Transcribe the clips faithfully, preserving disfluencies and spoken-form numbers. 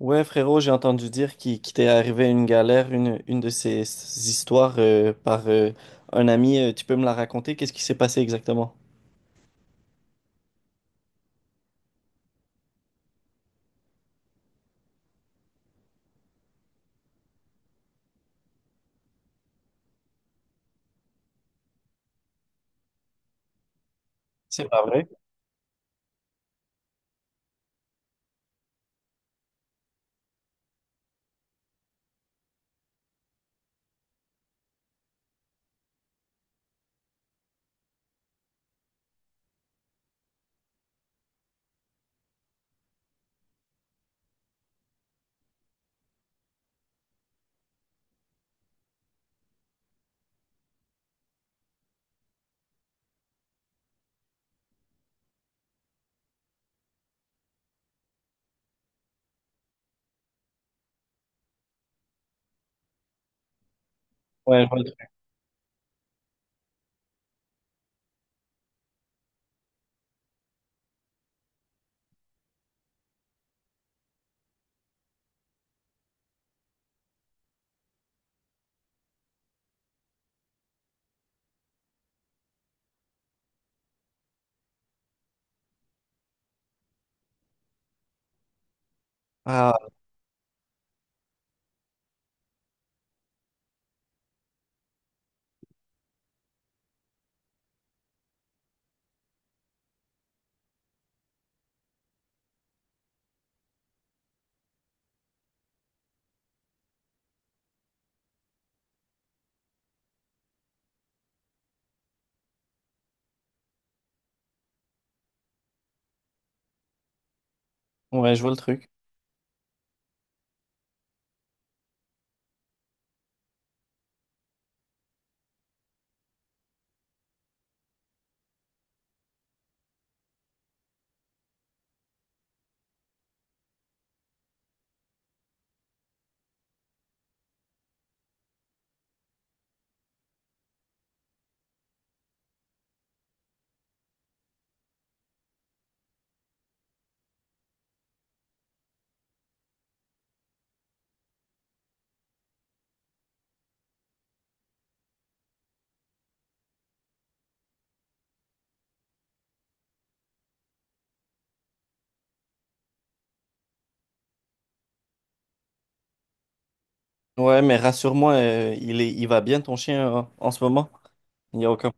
Ouais, frérot, j'ai entendu dire qu'il qu'il t'est arrivé une galère, une, une de ces ces histoires euh, par euh, un ami. Euh, tu peux me la raconter? Qu'est-ce qui s'est passé exactement? C'est pas vrai? Ouais, je vois le truc. Ah, ouais, je vois le truc. Ouais, mais rassure-moi, euh, il est, il va bien ton chien euh, en ce moment? Il n'y a aucun.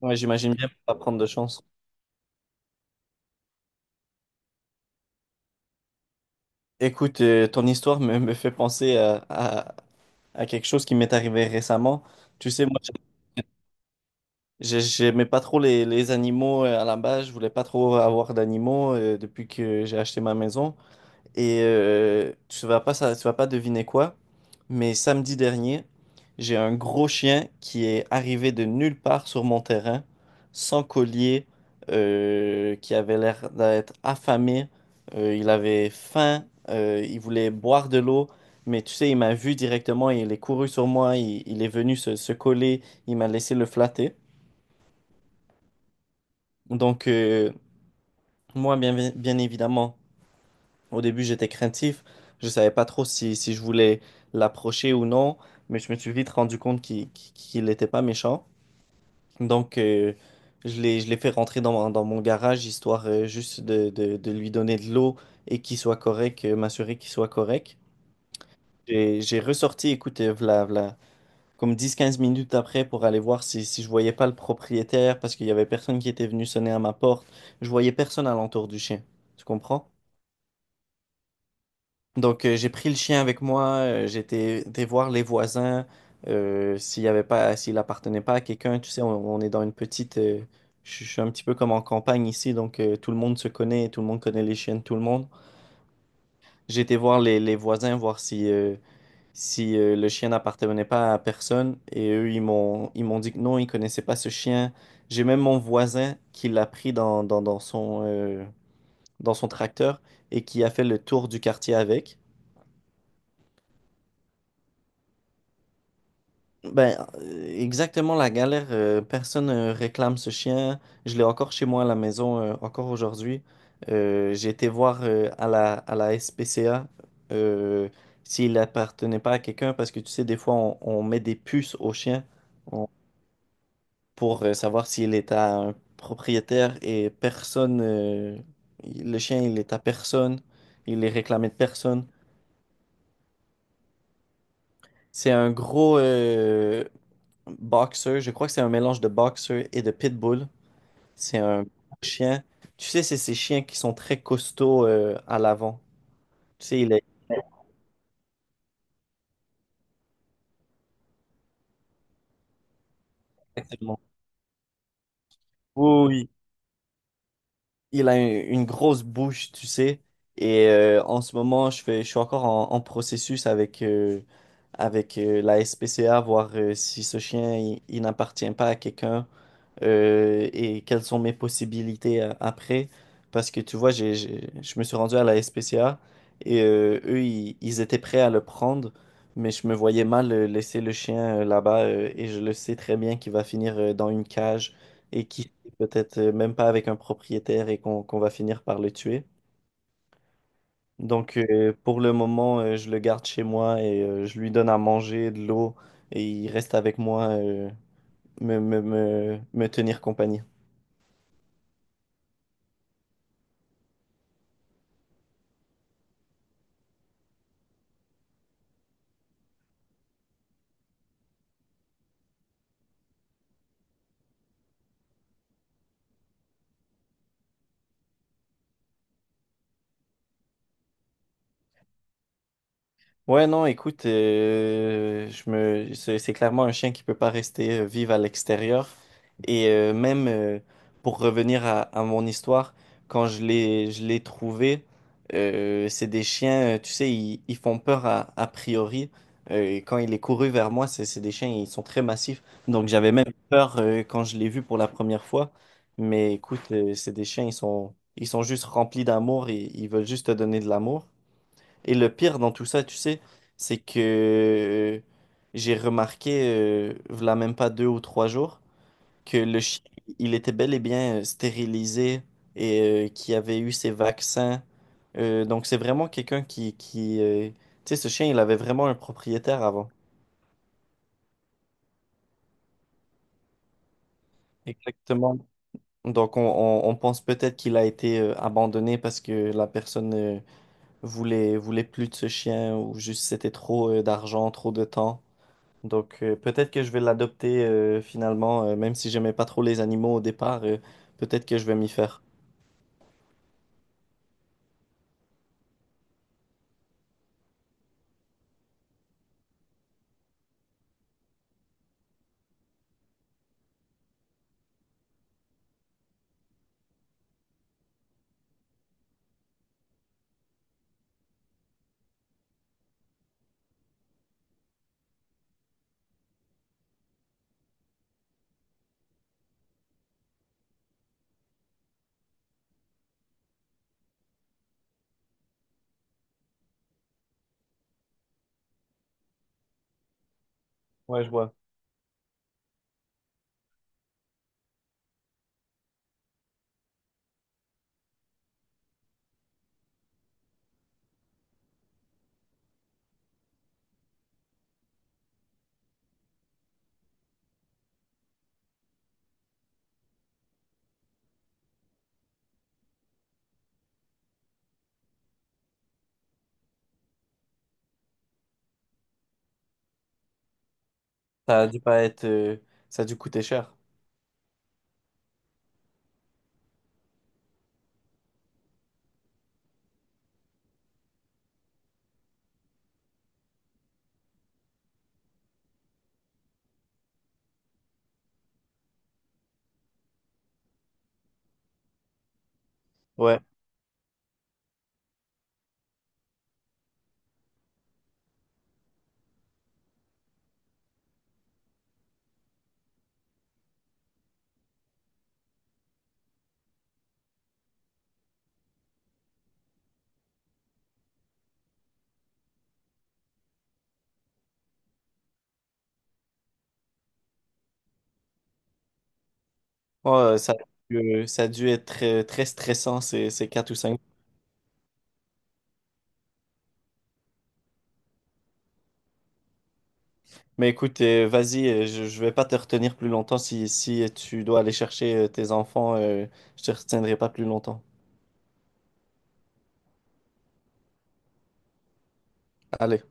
Ouais, j'imagine bien pas prendre de chance. Écoute, euh, ton histoire me, me fait penser à, à, à quelque chose qui m'est arrivé récemment. Tu sais, moi, J'ai- j'aimais pas trop les, les animaux euh, à la base, je voulais pas trop avoir d'animaux euh, depuis que j'ai acheté ma maison. Et euh, tu vas pas, ça, tu vas pas deviner quoi, mais samedi dernier, j'ai un gros chien qui est arrivé de nulle part sur mon terrain, sans collier, euh, qui avait l'air d'être affamé. Euh, il avait faim, euh, il voulait boire de l'eau, mais tu sais, il m'a vu directement, il est couru sur moi, il, il est venu se se coller, il m'a laissé le flatter. Donc, euh, moi, bien, bien évidemment, au début, j'étais craintif. Je savais pas trop si, si je voulais l'approcher ou non, mais je me suis vite rendu compte qu'il qu'il n'était pas méchant. Donc, euh, je l'ai, je l'ai fait rentrer dans, mon- dans mon garage, histoire euh, juste de, de, de lui donner de l'eau et qu'il soit correct, euh, m'assurer qu'il soit correct. Et j'ai ressorti, écoute, euh, v'là, comme dix quinze minutes après pour aller voir si, si je voyais pas le propriétaire parce qu'il y avait personne qui était venu sonner à ma porte. Je voyais personne à l'entour du chien. Tu comprends? Donc euh, j'ai pris le chien avec moi, euh, j'étais été voir les voisins euh, s'il y avait pas s'il appartenait pas à quelqu'un, tu sais on, on est dans une petite euh, je je suis un petit peu comme en campagne ici donc euh, tout le monde se connaît, tout le monde connaît les chiens de tout le monde. J'ai été voir les, les voisins voir si euh, si euh, le chien n'appartenait pas à personne et eux ils m'ont ils m'ont dit que non, ils connaissaient pas ce chien. J'ai même mon voisin qui l'a pris dans, dans, dans son euh, dans son tracteur et qui a fait le tour du quartier avec. Ben euh, exactement la galère, euh, personne euh, réclame ce chien. Je l'ai encore chez moi à la maison euh, encore aujourd'hui. Euh, j'ai été voir euh, à la à la S P C A euh, s'il appartenait pas à quelqu'un parce que tu sais des fois on, on met des puces aux chiens. Pour euh, savoir s'il est à un propriétaire et personne, euh, le chien, il est à personne, il est réclamé de personne. C'est un gros euh, boxer, je crois que c'est un mélange de boxer et de pitbull. C'est un gros chien. Tu sais, c'est ces chiens qui sont très costauds euh, à l'avant. Tu sais, il est... Exactement. Il a un- une grosse bouche, tu sais. Et euh, en ce moment, je fais, je suis encore en, en processus avec, euh, avec euh, la S P C A, voir euh, si ce chien, il, il n'appartient pas à quelqu'un euh, et quelles sont mes possibilités euh, après. Parce que tu vois, j'ai, j'ai- je me suis rendu à la S P C A et euh, eux, ils, ils étaient prêts à le prendre, mais je me voyais mal euh, laisser le chien euh, là-bas euh, et je le sais très bien qu'il va finir euh, dans une cage et qui peut-être euh, même pas avec un propriétaire et qu'on qu'on va finir par le tuer. Donc euh, pour le moment, euh, je le garde chez moi et euh, je lui donne à manger, de l'eau et il reste avec moi, euh, me, me, me, me tenir compagnie. Ouais, non, écoute, euh, je me, c'est c'est clairement un chien qui peut pas rester euh, vivre à l'extérieur. Et euh, même euh, pour revenir à, à mon histoire, quand je l'ai, je l'ai trouvé, euh, c'est des chiens, euh, tu sais, ils, ils font peur à, a priori. Euh, et quand il est couru vers moi, c'est c'est des chiens, ils sont très massifs. Donc j'avais même peur euh, quand je l'ai vu pour la première fois. Mais écoute, euh, c'est des chiens, ils sont, ils sont juste remplis d'amour et ils veulent juste te donner de l'amour. Et le pire dans tout ça, tu sais, c'est que j'ai remarqué, euh, v'là même pas deux ou trois jours, que le chien, il était bel et bien euh, stérilisé et euh, qui avait eu ses vaccins. Euh, donc c'est vraiment quelqu'un qui, qui euh, tu sais, ce chien, il avait vraiment un propriétaire avant. Exactement. Donc on, on- on pense peut-être qu'il a été euh, abandonné parce que la personne euh, voulait, voulait plus de ce chien ou juste c'était trop euh, d'argent, trop de temps. Donc euh, peut-être que je vais l'adopter euh, finalement, euh, même si j'aimais pas trop les animaux au départ, euh, peut-être que je vais m'y faire. Ouais, je vois. Ça a dû pas être, euh, ça a dû coûter cher. Ouais. Oh, euh, ça, a dû euh, ça a dû être très, très stressant ces, ces quatre ou cinq. Mais écoute, euh, vas-y, euh, je, je vais pas te retenir plus longtemps. Si, si tu dois aller chercher euh, tes enfants, euh, je te retiendrai pas plus longtemps. Allez.